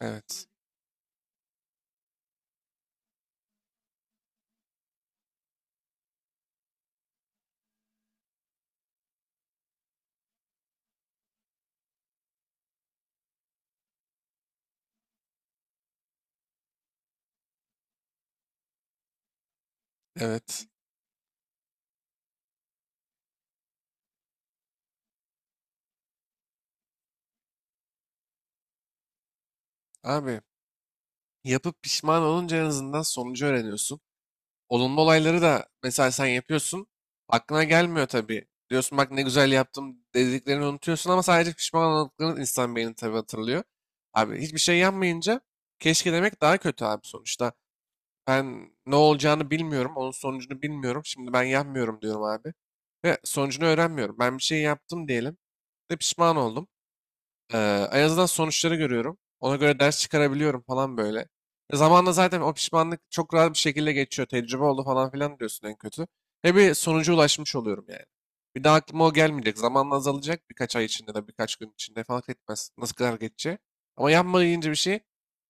Evet. Evet. Abi yapıp pişman olunca en azından sonucu öğreniyorsun. Olumlu olayları da mesela sen yapıyorsun. Aklına gelmiyor tabii. Diyorsun bak ne güzel yaptım dediklerini unutuyorsun ama sadece pişman olduklarını insan beyni tabii hatırlıyor. Abi hiçbir şey yapmayınca keşke demek daha kötü abi sonuçta. Ben ne olacağını bilmiyorum. Onun sonucunu bilmiyorum. Şimdi ben yapmıyorum diyorum abi. Ve sonucunu öğrenmiyorum. Ben bir şey yaptım diyelim ve pişman oldum. Ee, En azından sonuçları görüyorum. Ona göre ders çıkarabiliyorum falan böyle. Zamanla zaten o pişmanlık çok rahat bir şekilde geçiyor. Tecrübe oldu falan filan diyorsun en kötü. Ve bir sonuca ulaşmış oluyorum yani. Bir daha aklıma o gelmeyecek. Zamanla azalacak birkaç ay içinde de birkaç gün içinde fark etmez. Nasıl kadar geçecek. Ama yapmayınca bir şey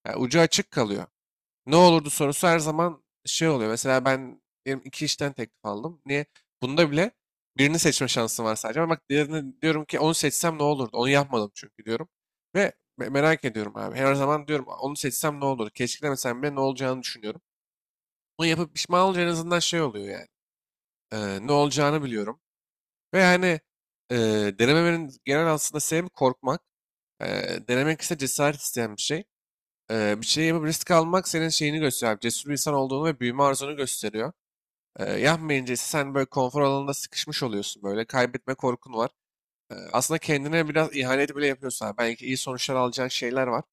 yani ucu açık kalıyor. Ne olurdu sorusu her zaman şey oluyor. Mesela ben diyelim iki işten teklif aldım. Niye? Bunda bile birini seçme şansım var sadece. Ama bak diğerini diyorum ki onu seçsem ne olurdu? Onu yapmadım çünkü diyorum. Ve merak ediyorum abi. Her zaman diyorum onu seçsem ne olur? Keşkelemesem bile ne olacağını düşünüyorum. Bunu yapıp pişman olunca en azından şey oluyor yani. Ne olacağını biliyorum. Ve yani e, denememenin genel aslında sebebi korkmak. Denemek ise cesaret isteyen bir şey. Bir şey yapıp risk almak senin şeyini gösteriyor. Cesur bir insan olduğunu ve büyüme arzunu gösteriyor. Yapmayınca ise sen böyle konfor alanında sıkışmış oluyorsun böyle. Kaybetme korkun var. Aslında kendine biraz ihanet bile yapıyorsun. Abi. Belki iyi sonuçlar alacağın şeyler var.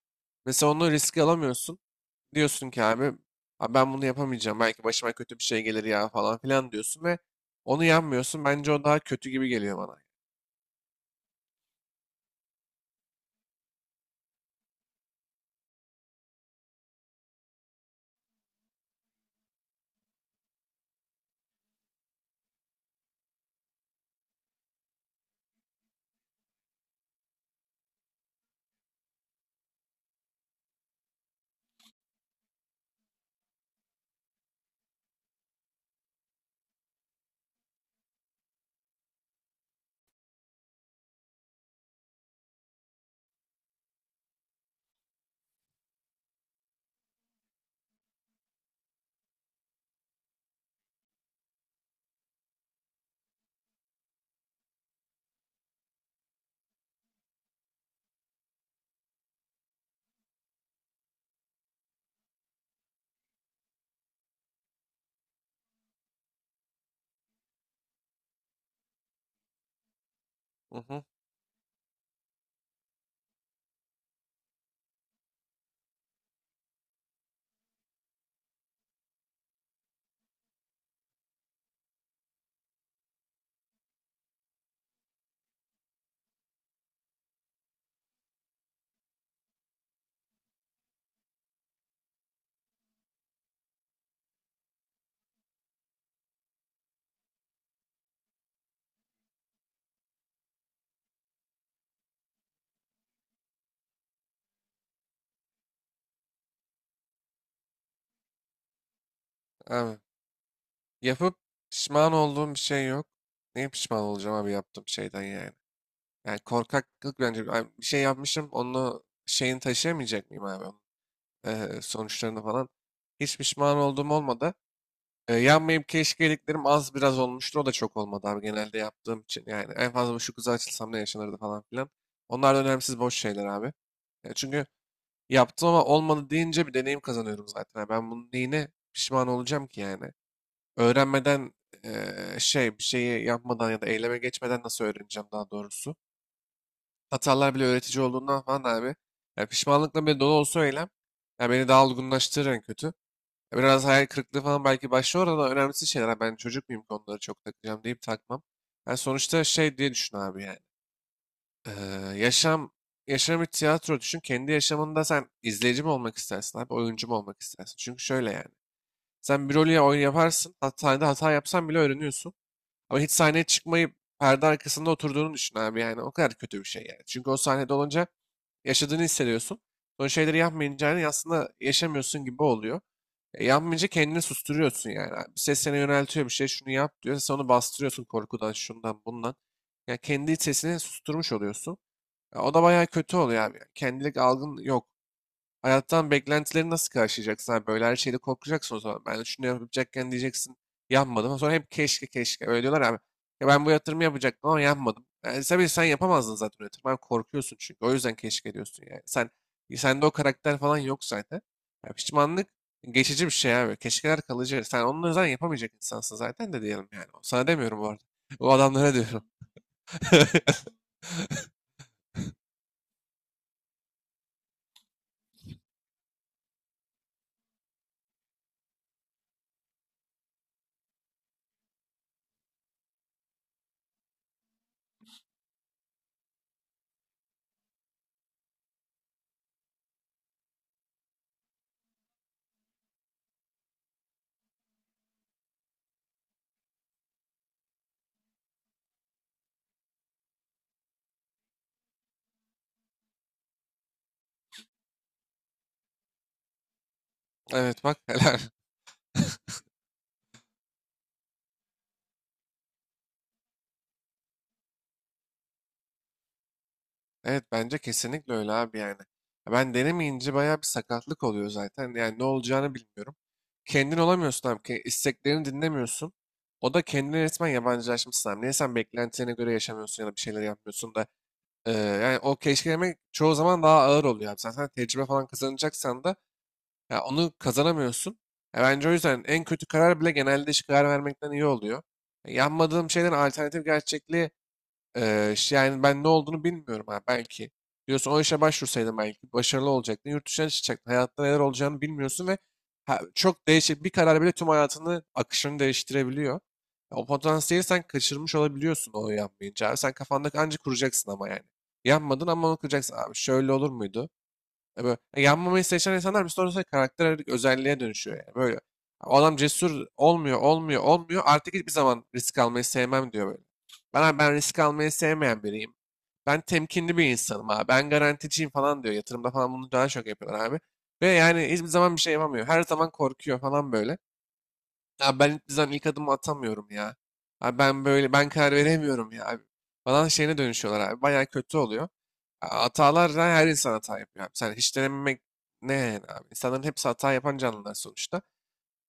Mesela onu riske alamıyorsun. Diyorsun ki abi, "Abi ben bunu yapamayacağım. Belki başıma kötü bir şey gelir ya falan filan diyorsun ve onu yapmıyorsun. Bence o daha kötü gibi geliyor bana. Hı hı. Abi, yapıp pişman olduğum bir şey yok. Niye pişman olacağım abi yaptığım şeyden yani. Yani korkaklık bence. Ay, bir şey yapmışım, onu şeyini taşıyamayacak mıyım abi? Sonuçlarını falan. Hiç pişman olduğum olmadı. Yanmayıp keşke dediklerim az biraz olmuştur. O da çok olmadı abi genelde yaptığım için. Yani en fazla şu kıza açılsam ne yaşanırdı falan filan. Onlar da önemsiz boş şeyler abi. Ya çünkü yaptım ama olmadı deyince bir deneyim kazanıyorum zaten. Ha, ben bunun neyine pişman olacağım ki yani? Öğrenmeden şey bir şeyi yapmadan ya da eyleme geçmeden nasıl öğreneceğim daha doğrusu? Hatalar bile öğretici olduğundan falan abi. Ya pişmanlıkla bile dolu olsa o eylem. Ya beni daha olgunlaştırır en kötü. Ya biraz hayal kırıklığı falan belki başlıyor ama önemlisi şeyler. Ha Ben çocuk muyum ki onları çok takacağım deyip takmam. Yani sonuçta şey diye düşün abi yani. Ee, yaşam yaşam bir tiyatro düşün. Kendi yaşamında sen izleyici mi olmak istersin abi, oyuncu mu olmak istersin? Çünkü şöyle yani. Sen bir rolü ya oyun yaparsın, hatta hata yapsan bile öğreniyorsun. Ama hiç sahneye çıkmayıp perde arkasında oturduğunu düşün abi yani o kadar kötü bir şey yani. Çünkü o sahnede olunca yaşadığını hissediyorsun. O şeyleri yapmayınca yani aslında yaşamıyorsun gibi oluyor. Yapmayınca kendini susturuyorsun yani. Bir ses seni yöneltiyor bir şey şunu yap diyor. Sen onu bastırıyorsun korkudan şundan bundan. Ya kendi sesini susturmuş oluyorsun. Ya o da bayağı kötü oluyor abi. Yani kendilik algın yok. Hayattan beklentileri nasıl karşılayacaksın abi? Böyle her şeyde korkacaksın o zaman. Ben şunu yapacakken diyeceksin yapmadım. Sonra hep keşke keşke. Öyle diyorlar abi. Ya ben bu yatırımı yapacaktım ama yapmadım. Yani tabii sen yapamazdın zaten o yatırımı. Abi korkuyorsun çünkü. O yüzden keşke diyorsun yani. Sende o karakter falan yok zaten. Ya pişmanlık geçici bir şey abi. Keşkeler kalıcı. Sen onun yüzden yapamayacak insansın zaten de diyelim yani. Sana demiyorum bu arada. O adamlara diyorum. Evet bak helal. Evet bence kesinlikle öyle abi yani. Ya ben denemeyince bayağı bir sakatlık oluyor zaten. Yani ne olacağını bilmiyorum. Kendin olamıyorsun abi. İsteklerini dinlemiyorsun. O da kendine resmen yabancılaşmışsın abi. Niye sen beklentilerine göre yaşamıyorsun ya da bir şeyler yapmıyorsun da. Yani o keşkelemek çoğu zaman daha ağır oluyor abi. Zaten tecrübe falan kazanacaksan da ya onu kazanamıyorsun. Ya bence o yüzden en kötü karar bile genelde hiç karar vermekten iyi oluyor. E, yanmadığım şeylerin alternatif gerçekliği yani ben ne olduğunu bilmiyorum ha belki. Diyorsun o işe başvursaydın belki başarılı olacaktın. Yurt dışına çıkacaktın. Hayatta neler olacağını bilmiyorsun ve çok değişik bir karar bile tüm hayatını akışını değiştirebiliyor. O potansiyeli sen kaçırmış olabiliyorsun o yanmayınca abi. Sen kafandaki ancak kuracaksın ama yani. Yanmadın ama onu kuracaksın abi. Şöyle olur muydu? Yanmamayı seçen insanlar bir sonra karakter özelliğe dönüşüyor yani. Böyle. O adam cesur olmuyor, olmuyor, olmuyor. Artık hiçbir zaman risk almayı sevmem diyor böyle. Ben risk almayı sevmeyen biriyim. Ben temkinli bir insanım abi. Ben garanticiyim falan diyor. Yatırımda falan bunu daha çok yapıyorlar abi. Ve yani hiçbir zaman bir şey yapamıyor. Her zaman korkuyor falan böyle. Ya ben hiçbir zaman ilk adımı atamıyorum ya. Abi ben böyle ben karar veremiyorum ya abi. Falan şeyine dönüşüyorlar abi. Bayağı kötü oluyor. Hatalar da her insan hata yapıyor abi. Sen hiç denememek ne yani abi? İnsanların hepsi hata yapan canlılar sonuçta.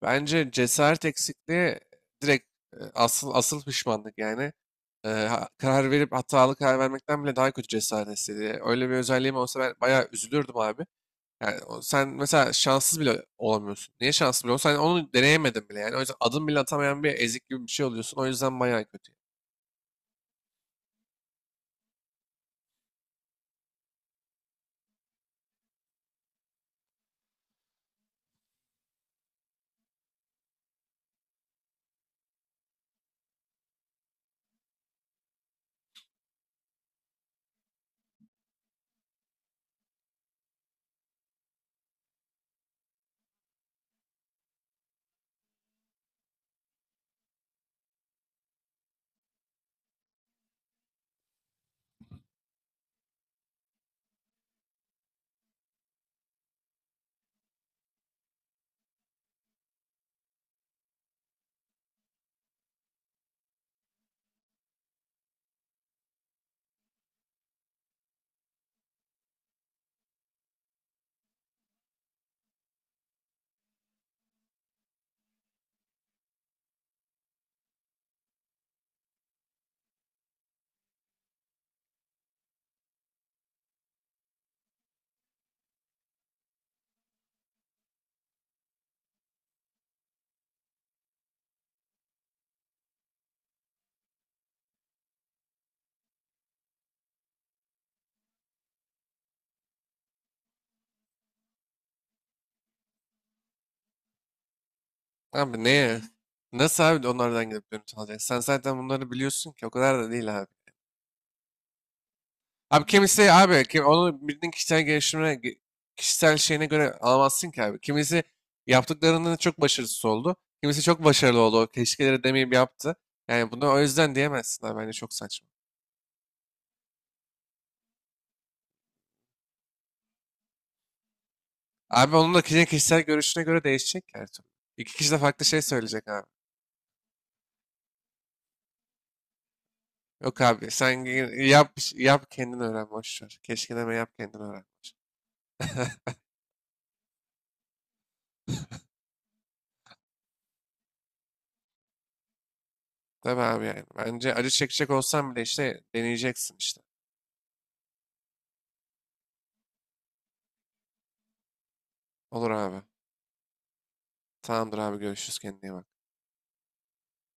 Bence cesaret eksikliği direkt asıl pişmanlık yani. Karar verip hatalı karar vermekten bile daha kötü cesaret hissediyor. Öyle bir özelliğim olsa ben bayağı üzülürdüm abi. Yani sen mesela şanssız bile olamıyorsun. Niye şanssız bile olamıyorsun? Sen onu deneyemedin bile yani. O yüzden adım bile atamayan bir ezik gibi bir şey oluyorsun. O yüzden bayağı kötü. Abi neye? Nasıl abi onlardan gidip dönüp alacaksın? Sen zaten bunları biliyorsun ki o kadar da değil abi. Abi kimisi abi kim, onu bildiğin kişisel gelişimine kişisel şeyine göre alamazsın ki abi. Kimisi yaptıklarının çok başarısız oldu. Kimisi çok başarılı oldu. O keşkeleri demeyip yaptı. Yani bunu o yüzden diyemezsin abi. Bence çok saçma. Abi onun da kişinin kişisel görüşüne göre değişecek ki her türlü. İki kişi de farklı şey söyleyecek abi. Yok abi sen yap yap kendin öğren boş ver. Keşke deme yap kendin öğren. Tabii abi yani. Bence acı çekecek olsan bile işte deneyeceksin işte. Olur abi. Tamamdır abi görüşürüz kendine iyi bak.